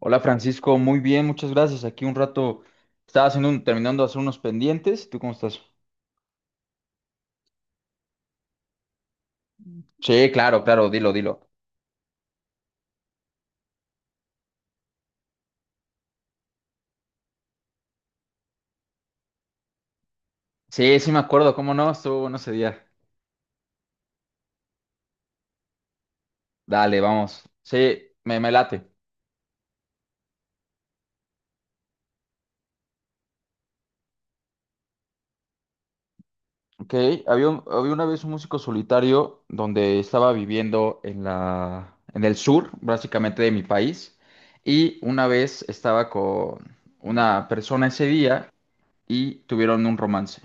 Hola Francisco, muy bien, muchas gracias. Aquí un rato estaba haciendo terminando de hacer unos pendientes. ¿Tú cómo estás? Sí, claro, claro, dilo, dilo. Sí, sí me acuerdo, cómo no, estuvo bueno ese día. Dale, vamos. Sí, me late. Ok, había una vez un músico solitario donde estaba viviendo en en el sur, básicamente de mi país, y una vez estaba con una persona ese día y tuvieron un romance.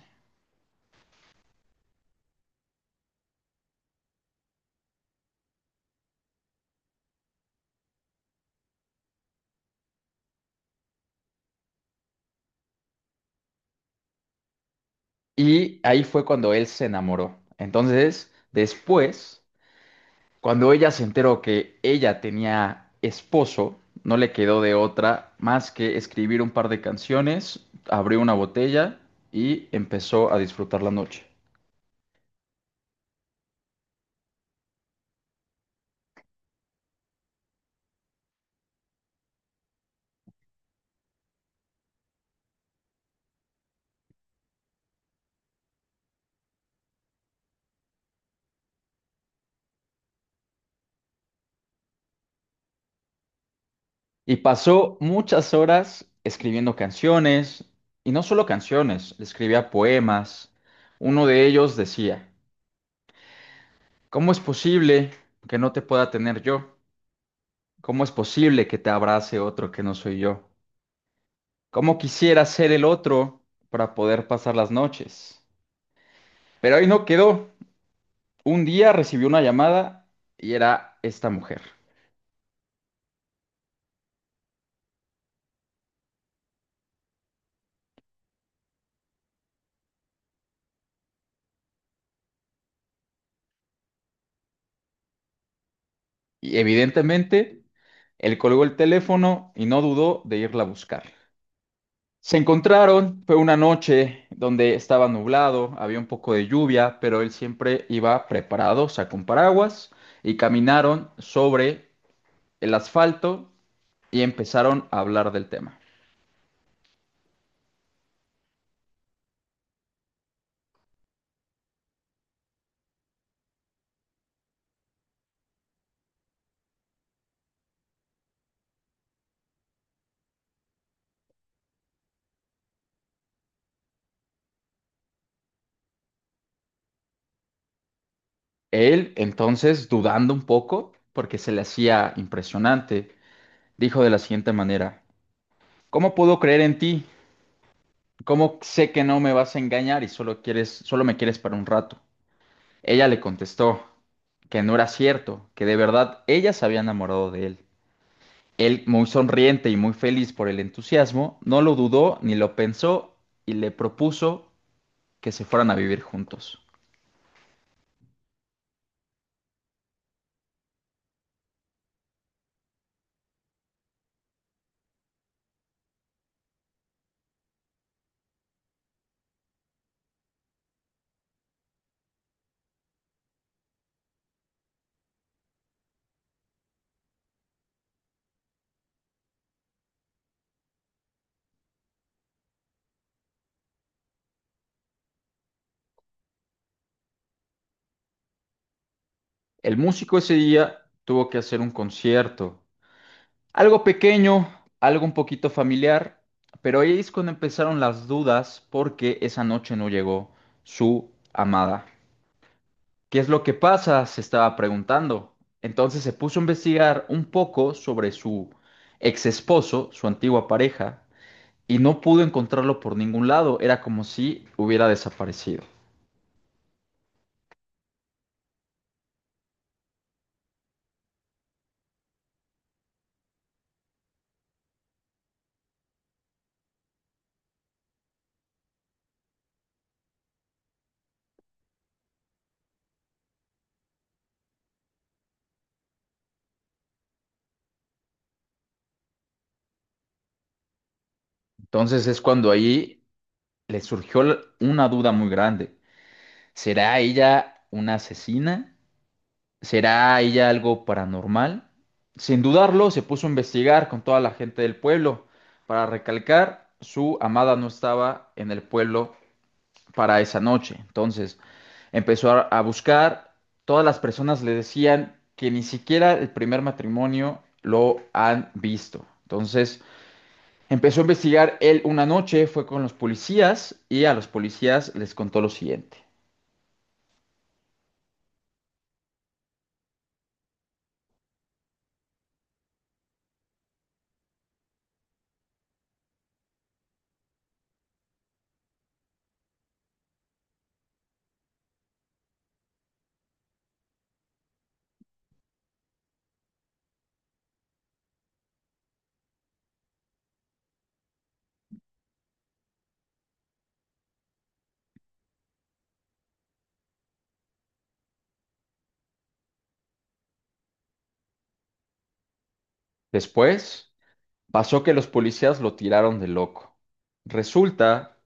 Y ahí fue cuando él se enamoró. Entonces, después, cuando ella se enteró que ella tenía esposo, no le quedó de otra más que escribir un par de canciones, abrió una botella y empezó a disfrutar la noche. Y pasó muchas horas escribiendo canciones, y no solo canciones, le escribía poemas. Uno de ellos decía, ¿cómo es posible que no te pueda tener yo? ¿Cómo es posible que te abrace otro que no soy yo? Cómo quisiera ser el otro para poder pasar las noches. Pero ahí no quedó. Un día recibió una llamada y era esta mujer. Y evidentemente, él colgó el teléfono y no dudó de irla a buscar. Se encontraron, fue una noche donde estaba nublado, había un poco de lluvia, pero él siempre iba preparado, sacó un paraguas y caminaron sobre el asfalto y empezaron a hablar del tema. Él, entonces, dudando un poco, porque se le hacía impresionante, dijo de la siguiente manera: ¿cómo puedo creer en ti? ¿Cómo sé que no me vas a engañar y solo me quieres para un rato? Ella le contestó que no era cierto, que de verdad ella se había enamorado de él. Él, muy sonriente y muy feliz por el entusiasmo, no lo dudó ni lo pensó y le propuso que se fueran a vivir juntos. El músico ese día tuvo que hacer un concierto. Algo pequeño, algo un poquito familiar, pero ahí es cuando empezaron las dudas porque esa noche no llegó su amada. ¿Qué es lo que pasa? Se estaba preguntando. Entonces se puso a investigar un poco sobre su ex esposo, su antigua pareja, y no pudo encontrarlo por ningún lado. Era como si hubiera desaparecido. Entonces es cuando ahí le surgió una duda muy grande. ¿Será ella una asesina? ¿Será ella algo paranormal? Sin dudarlo, se puso a investigar con toda la gente del pueblo. Para recalcar, su amada no estaba en el pueblo para esa noche. Entonces, a buscar. Todas las personas le decían que ni siquiera el primer matrimonio lo han visto. Entonces, empezó a investigar él una noche, fue con los policías y a los policías les contó lo siguiente. Después, pasó que los policías lo tiraron de loco. Resulta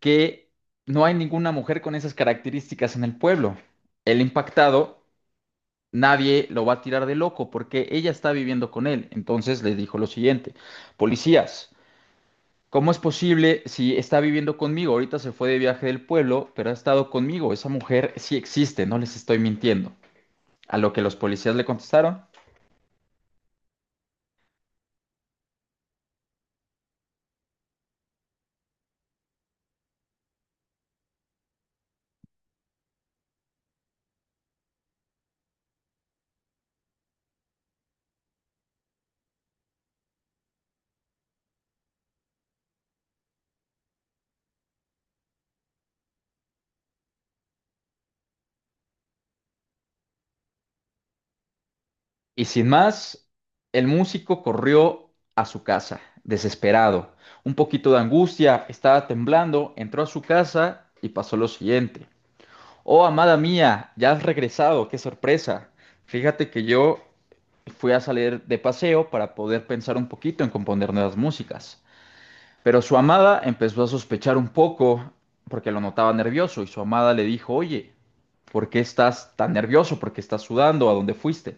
que no hay ninguna mujer con esas características en el pueblo. El impactado, nadie lo va a tirar de loco porque ella está viviendo con él. Entonces le dijo lo siguiente, policías, ¿cómo es posible si está viviendo conmigo? Ahorita se fue de viaje del pueblo, pero ha estado conmigo. Esa mujer sí existe, no les estoy mintiendo. A lo que los policías le contestaron. Y sin más, el músico corrió a su casa, desesperado. Un poquito de angustia, estaba temblando, entró a su casa y pasó lo siguiente. Oh, amada mía, ya has regresado, qué sorpresa. Fíjate que yo fui a salir de paseo para poder pensar un poquito en componer nuevas músicas. Pero su amada empezó a sospechar un poco porque lo notaba nervioso y su amada le dijo, oye, ¿por qué estás tan nervioso? ¿Por qué estás sudando? ¿A dónde fuiste?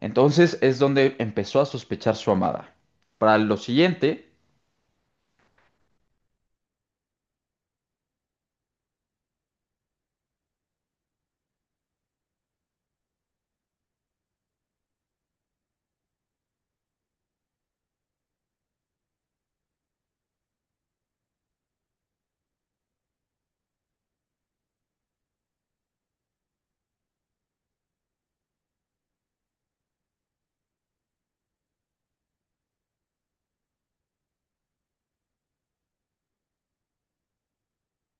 Entonces es donde empezó a sospechar su amada. Para lo siguiente,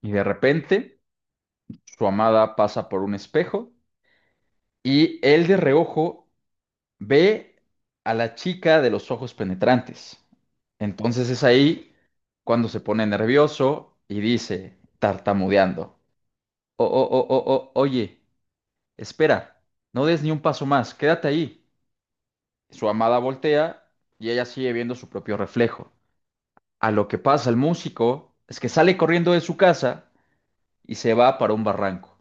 y de repente, su amada pasa por un espejo y él de reojo ve a la chica de los ojos penetrantes. Entonces es ahí cuando se pone nervioso y dice, tartamudeando. Oye, espera, no des ni un paso más, quédate ahí. Su amada voltea y ella sigue viendo su propio reflejo. A lo que pasa el músico es que sale corriendo de su casa y se va para un barranco.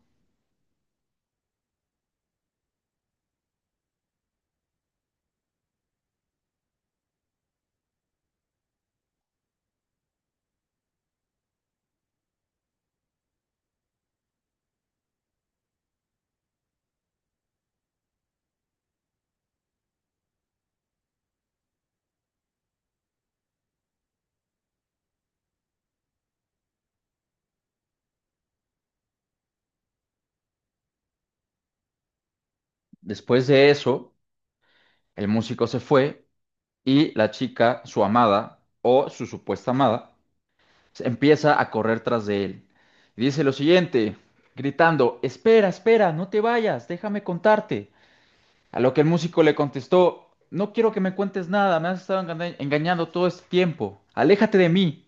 Después de eso, el músico se fue y la chica, su amada o su supuesta amada, se empieza a correr tras de él. Y dice lo siguiente, gritando, espera, espera, no te vayas, déjame contarte. A lo que el músico le contestó, no quiero que me cuentes nada, me has estado engañando todo este tiempo, aléjate de mí.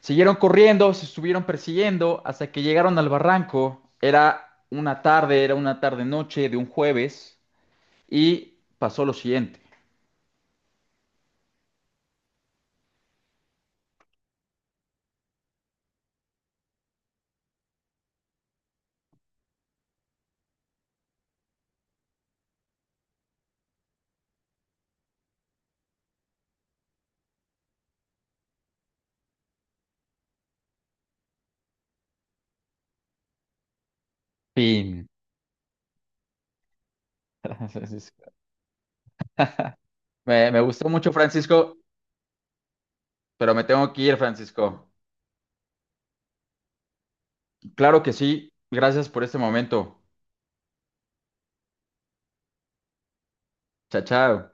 Siguieron corriendo, se estuvieron persiguiendo hasta que llegaron al barranco. Era una tarde noche de un jueves y pasó lo siguiente. Fin. Francisco. Me gustó mucho, Francisco, pero me tengo que ir, Francisco. Claro que sí. Gracias por este momento. Chao, chao.